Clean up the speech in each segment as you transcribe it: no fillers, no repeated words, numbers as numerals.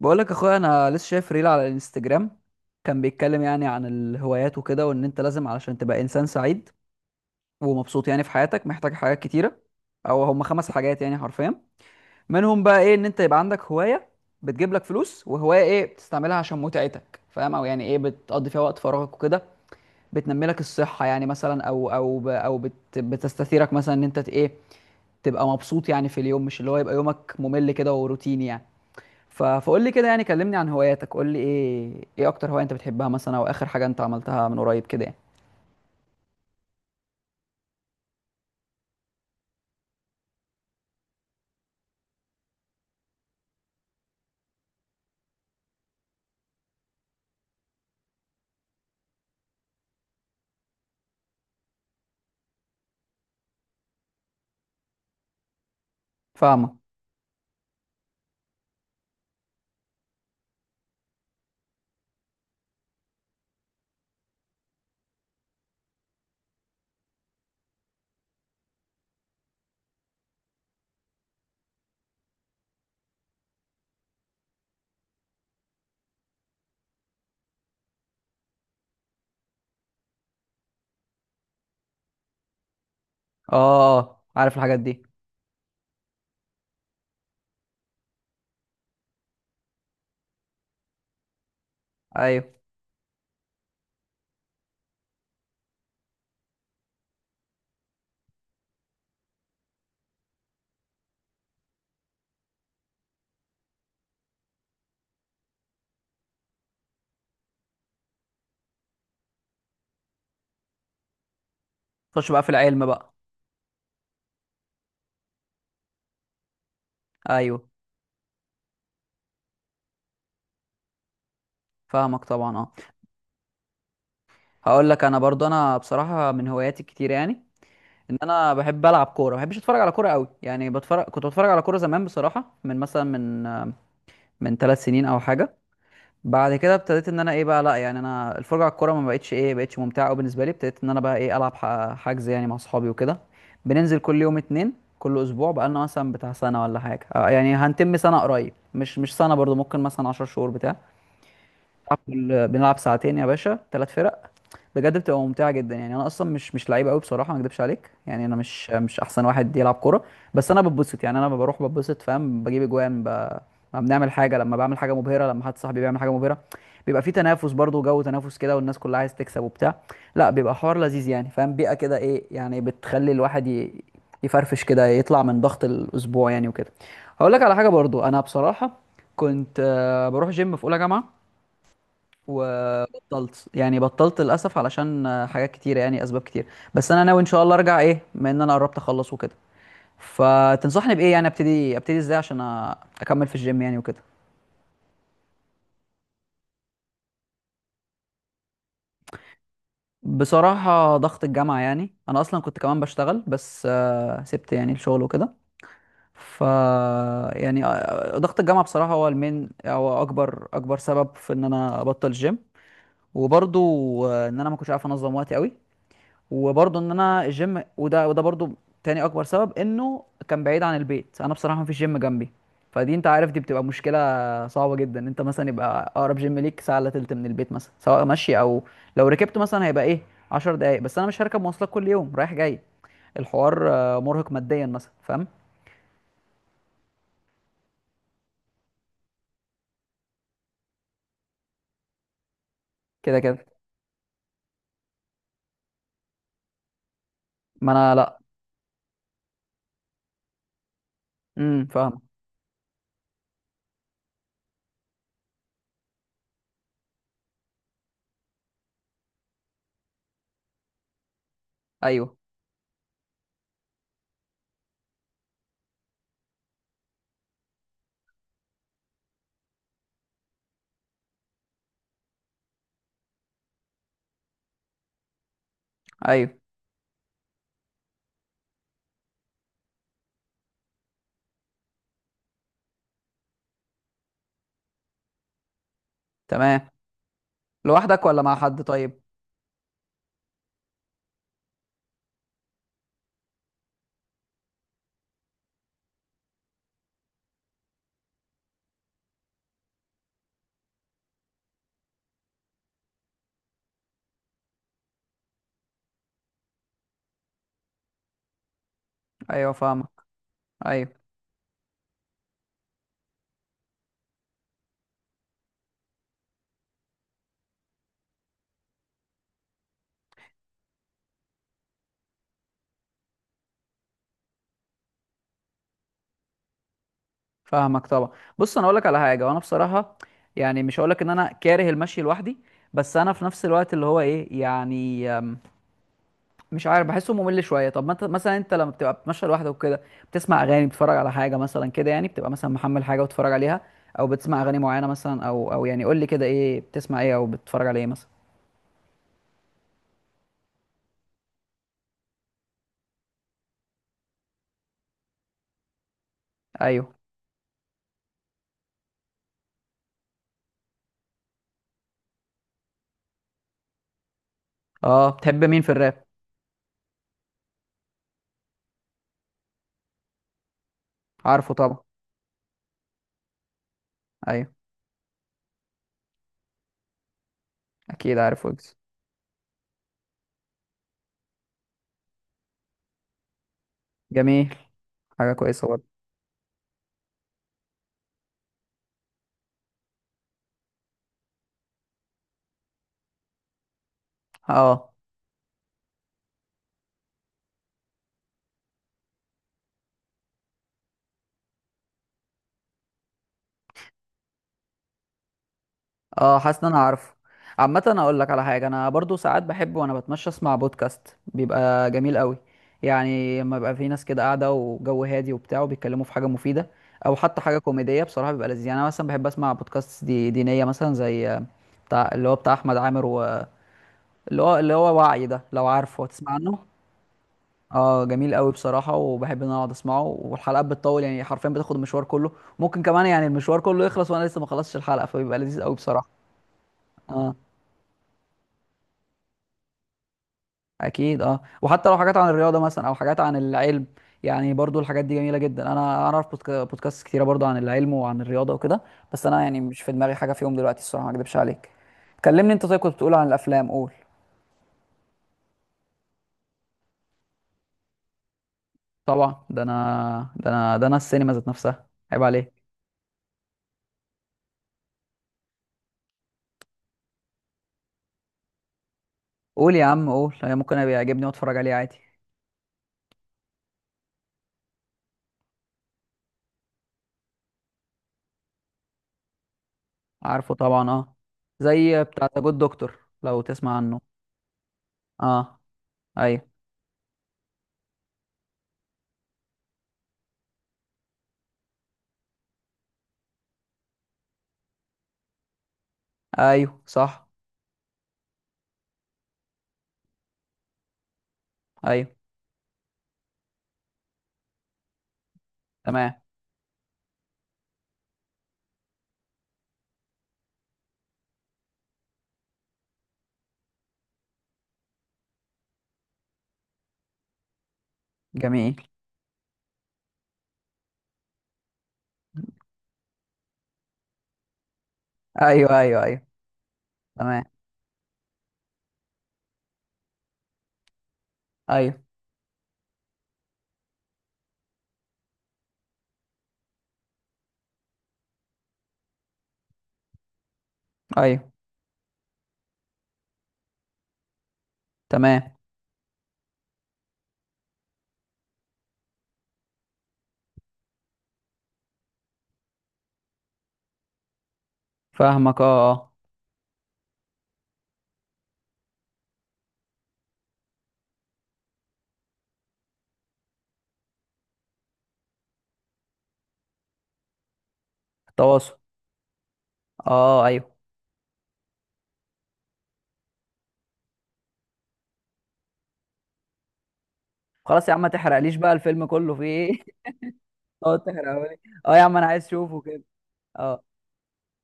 بقول لك اخويا، انا لسه شايف ريل على الانستجرام. كان بيتكلم يعني عن الهوايات وكده، وان انت لازم علشان تبقى انسان سعيد ومبسوط يعني في حياتك محتاج حاجات كتيره، او هم خمس حاجات يعني حرفيا. منهم بقى ايه؟ ان انت يبقى عندك هوايه بتجيب لك فلوس، وهوايه ايه بتستعملها عشان متعتك، فاهم؟ او يعني ايه بتقضي فيها وقت فراغك وكده، بتنمي لك الصحه يعني، مثلا او بتستثيرك مثلا ان انت ايه تبقى مبسوط يعني في اليوم، مش اللي هو يبقى يومك ممل كده وروتيني يعني. فقول لي كده، يعني كلمني عن هواياتك، قول لي ايه اكتر هواية انت بتحبها مثلا، او اخر حاجة انت عملتها من قريب كده يعني. فاهمة. اه عارف الحاجات دي. ايوه. خش بقى في العلم بقى. ايوه فاهمك طبعا، اه. هقول لك انا برضو، انا بصراحة من هواياتي الكتير يعني، ان انا بحب العب كورة، ما بحبش اتفرج على كورة قوي يعني. بتفرج، كنت بتفرج على كورة زمان بصراحة، من مثلا من من ثلاث سنين او حاجة. بعد كده ابتديت ان انا ايه بقى، لا يعني انا الفرجه على الكوره ما بقتش، ايه، بقتش ممتعه قوي بالنسبه لي. ابتديت ان انا بقى ايه العب حجز يعني مع اصحابي وكده. بننزل كل يوم اتنين، كل اسبوع بقى لنا مثلا بتاع سنه ولا حاجه يعني هنتم سنه قريب، مش سنه برضو، ممكن مثلا 10 شهور بتاع. بنلعب ساعتين يا باشا، ثلاث فرق. بجد بتبقى ممتعه جدا. يعني انا اصلا مش لعيب قوي بصراحه، ما اكدبش عليك، يعني انا مش احسن واحد يلعب كوره، بس انا بتبسط يعني. انا بروح بتبسط، فاهم، بجيب اجوان، ب... لما بنعمل حاجه، لما بعمل حاجه مبهره، لما حد صاحبي بيعمل حاجه مبهره، بيبقى في تنافس برضه، جو تنافس كده، والناس كلها عايز تكسب وبتاع. لا بيبقى حوار لذيذ يعني فاهم، بيئه كده، ايه يعني بتخلي الواحد ي... يفرفش كده، يطلع من ضغط الاسبوع يعني وكده. هقول لك على حاجه برضو انا بصراحه، كنت بروح جيم في اولى جامعه، وبطلت يعني، بطلت للاسف علشان حاجات كتيره يعني، اسباب كتير. بس انا ناوي ان شاء الله ارجع ايه، بما ان انا قربت اخلص وكده. فتنصحني بايه يعني؟ ابتدي، ابتدي ازاي عشان اكمل في الجيم يعني وكده. بصراحه ضغط الجامعه، يعني انا اصلا كنت كمان بشتغل، بس سبت يعني الشغل وكده. ف يعني ضغط الجامعه بصراحه هو المين، هو اكبر سبب في ان انا ابطل الجيم. وبرضو ان انا ما كنتش عارف انظم وقتي قوي. وبرضه ان انا الجيم، وده برضه، تاني اكبر سبب، انه كان بعيد عن البيت. انا بصراحه مفيش جيم جنبي، فدي انت عارف دي بتبقى مشكله صعبه جدا. انت مثلا يبقى اقرب جيم ليك ساعه الا تلت من البيت مثلا، سواء مشي او لو ركبت مثلا هيبقى ايه 10 دقايق، بس انا مش هركب مواصلات كل يوم رايح جاي. الحوار مرهق ماديا مثلا، فاهم. كده كده. ما انا لا. امم، فاهم. ايوه ايوه تمام. لوحدك ولا مع حد طيب؟ ايوه فاهمك. ايوه فاهمك طبعا. بص انا اقول لك على حاجه وانا بصراحه، يعني مش هقول لك ان انا كاره المشي لوحدي، بس انا في نفس الوقت اللي هو ايه يعني، مش عارف، بحسه ممل شويه. طب ما انت مثلا، انت لما بتبقى بتمشي لوحدك وكده، بتسمع اغاني، بتتفرج على حاجه مثلا كده، يعني بتبقى مثلا محمل حاجه وتتفرج عليها، او بتسمع اغاني معينه مثلا، او او يعني قول لي كده، ايه بتسمع، ايه او بتتفرج على ايه مثلا. ايوه. اه بتحب مين في الراب؟ عارفه طبعا. ايوه. اكيد عارف ويجز. جميل، حاجه كويسه برضه. اه اه حاسس ان انا عارفه. عامه انا اقول لك على حاجه، انا برضو ساعات بحب وانا بتمشى اسمع بودكاست، بيبقى جميل قوي يعني، لما يبقى في ناس كده قاعده وجو هادي وبتاع، وبيتكلموا في حاجه مفيده او حتى حاجه كوميديه، بصراحه بيبقى لذيذ. يعني انا مثلا بحب اسمع بودكاست دي دينيه مثلا، زي بتاع اللي هو بتاع احمد عامر، و اللي هو وعي ده، لو عارفه تسمع عنه. اه جميل قوي بصراحه، وبحب ان انا اقعد اسمعه، والحلقات بتطول يعني حرفيا، بتاخد المشوار كله، ممكن كمان يعني المشوار كله يخلص وانا لسه ما خلصتش الحلقه، فبيبقى لذيذ قوي بصراحه. اه اكيد، اه، وحتى لو حاجات عن الرياضه مثلا، او حاجات عن العلم. يعني برضو الحاجات دي جميله جدا، انا اعرف بودكاست كتيره برضو عن العلم وعن الرياضه وكده، بس انا يعني مش في دماغي حاجه فيهم دلوقتي الصراحه، ما اكدبش عليك. كلمني انت طيب، كنت بتقول عن الافلام، قول. طبعا، ده انا، ده انا، ده انا السينما ذات نفسها، عيب عليك. قول يا عم قول، يعني ممكن ابقى يعجبني واتفرج عليه عادي. عارفه طبعا اه، زي بتاع ذا جود دكتور، لو تسمع عنه. اه ايوه ايوه صح. ايوه تمام. جميل. ايوه ايوه ايوه. تمام. ايوه ايوه. تمام فاهمك، اه اه. تواصل. اه ايوه. خلاص يا عم، ما تحرقليش بقى الفيلم كله في ايه اه تحرقه لي. اه يا عم انا عايز اشوفه كده. اه.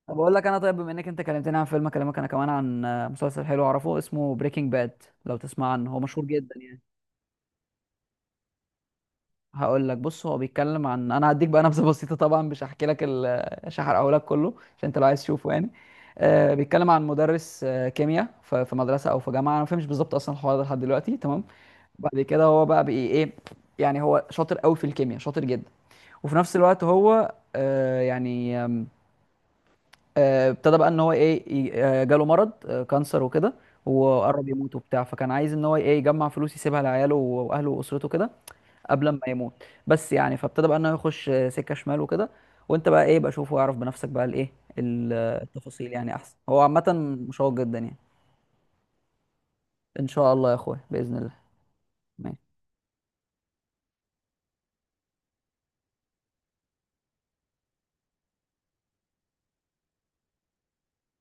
طب اقول لك انا طيب، بما انك انت كلمتني عن فيلم، اكلمك انا كمان عن مسلسل حلو اعرفه، اسمه بريكنج باد، لو تسمع عنه، هو مشهور جدا يعني. هقول لك بص، هو بيتكلم عن، انا هديك بقى نبذه بسيطه طبعا، مش هحكي لك ال... مش هحرقه لك كله، عشان انت لو عايز تشوفه يعني. آه بيتكلم عن مدرس آه كيمياء في مدرسه او في جامعه، انا ما فهمش بالظبط اصلا الحوار ده لحد دلوقتي، تمام؟ وبعد كده هو بقى بي ايه، يعني هو شاطر قوي في الكيمياء، شاطر جدا. وفي نفس الوقت هو آه يعني آه ابتدى بقى ان هو ايه جاله مرض آه كانسر وكده، وقرب يموت وبتاع. فكان عايز ان هو ايه يجمع فلوس يسيبها لعياله واهله واسرته كده قبل ما يموت بس يعني. فابتدى بقى ان هو يخش سكه شمال وكده. وانت بقى ايه بقى شوف واعرف بنفسك بقى الايه، التفاصيل يعني احسن، هو عامه مشوق جدا يعني. ان شاء الله يا اخويا باذن الله. ماشي.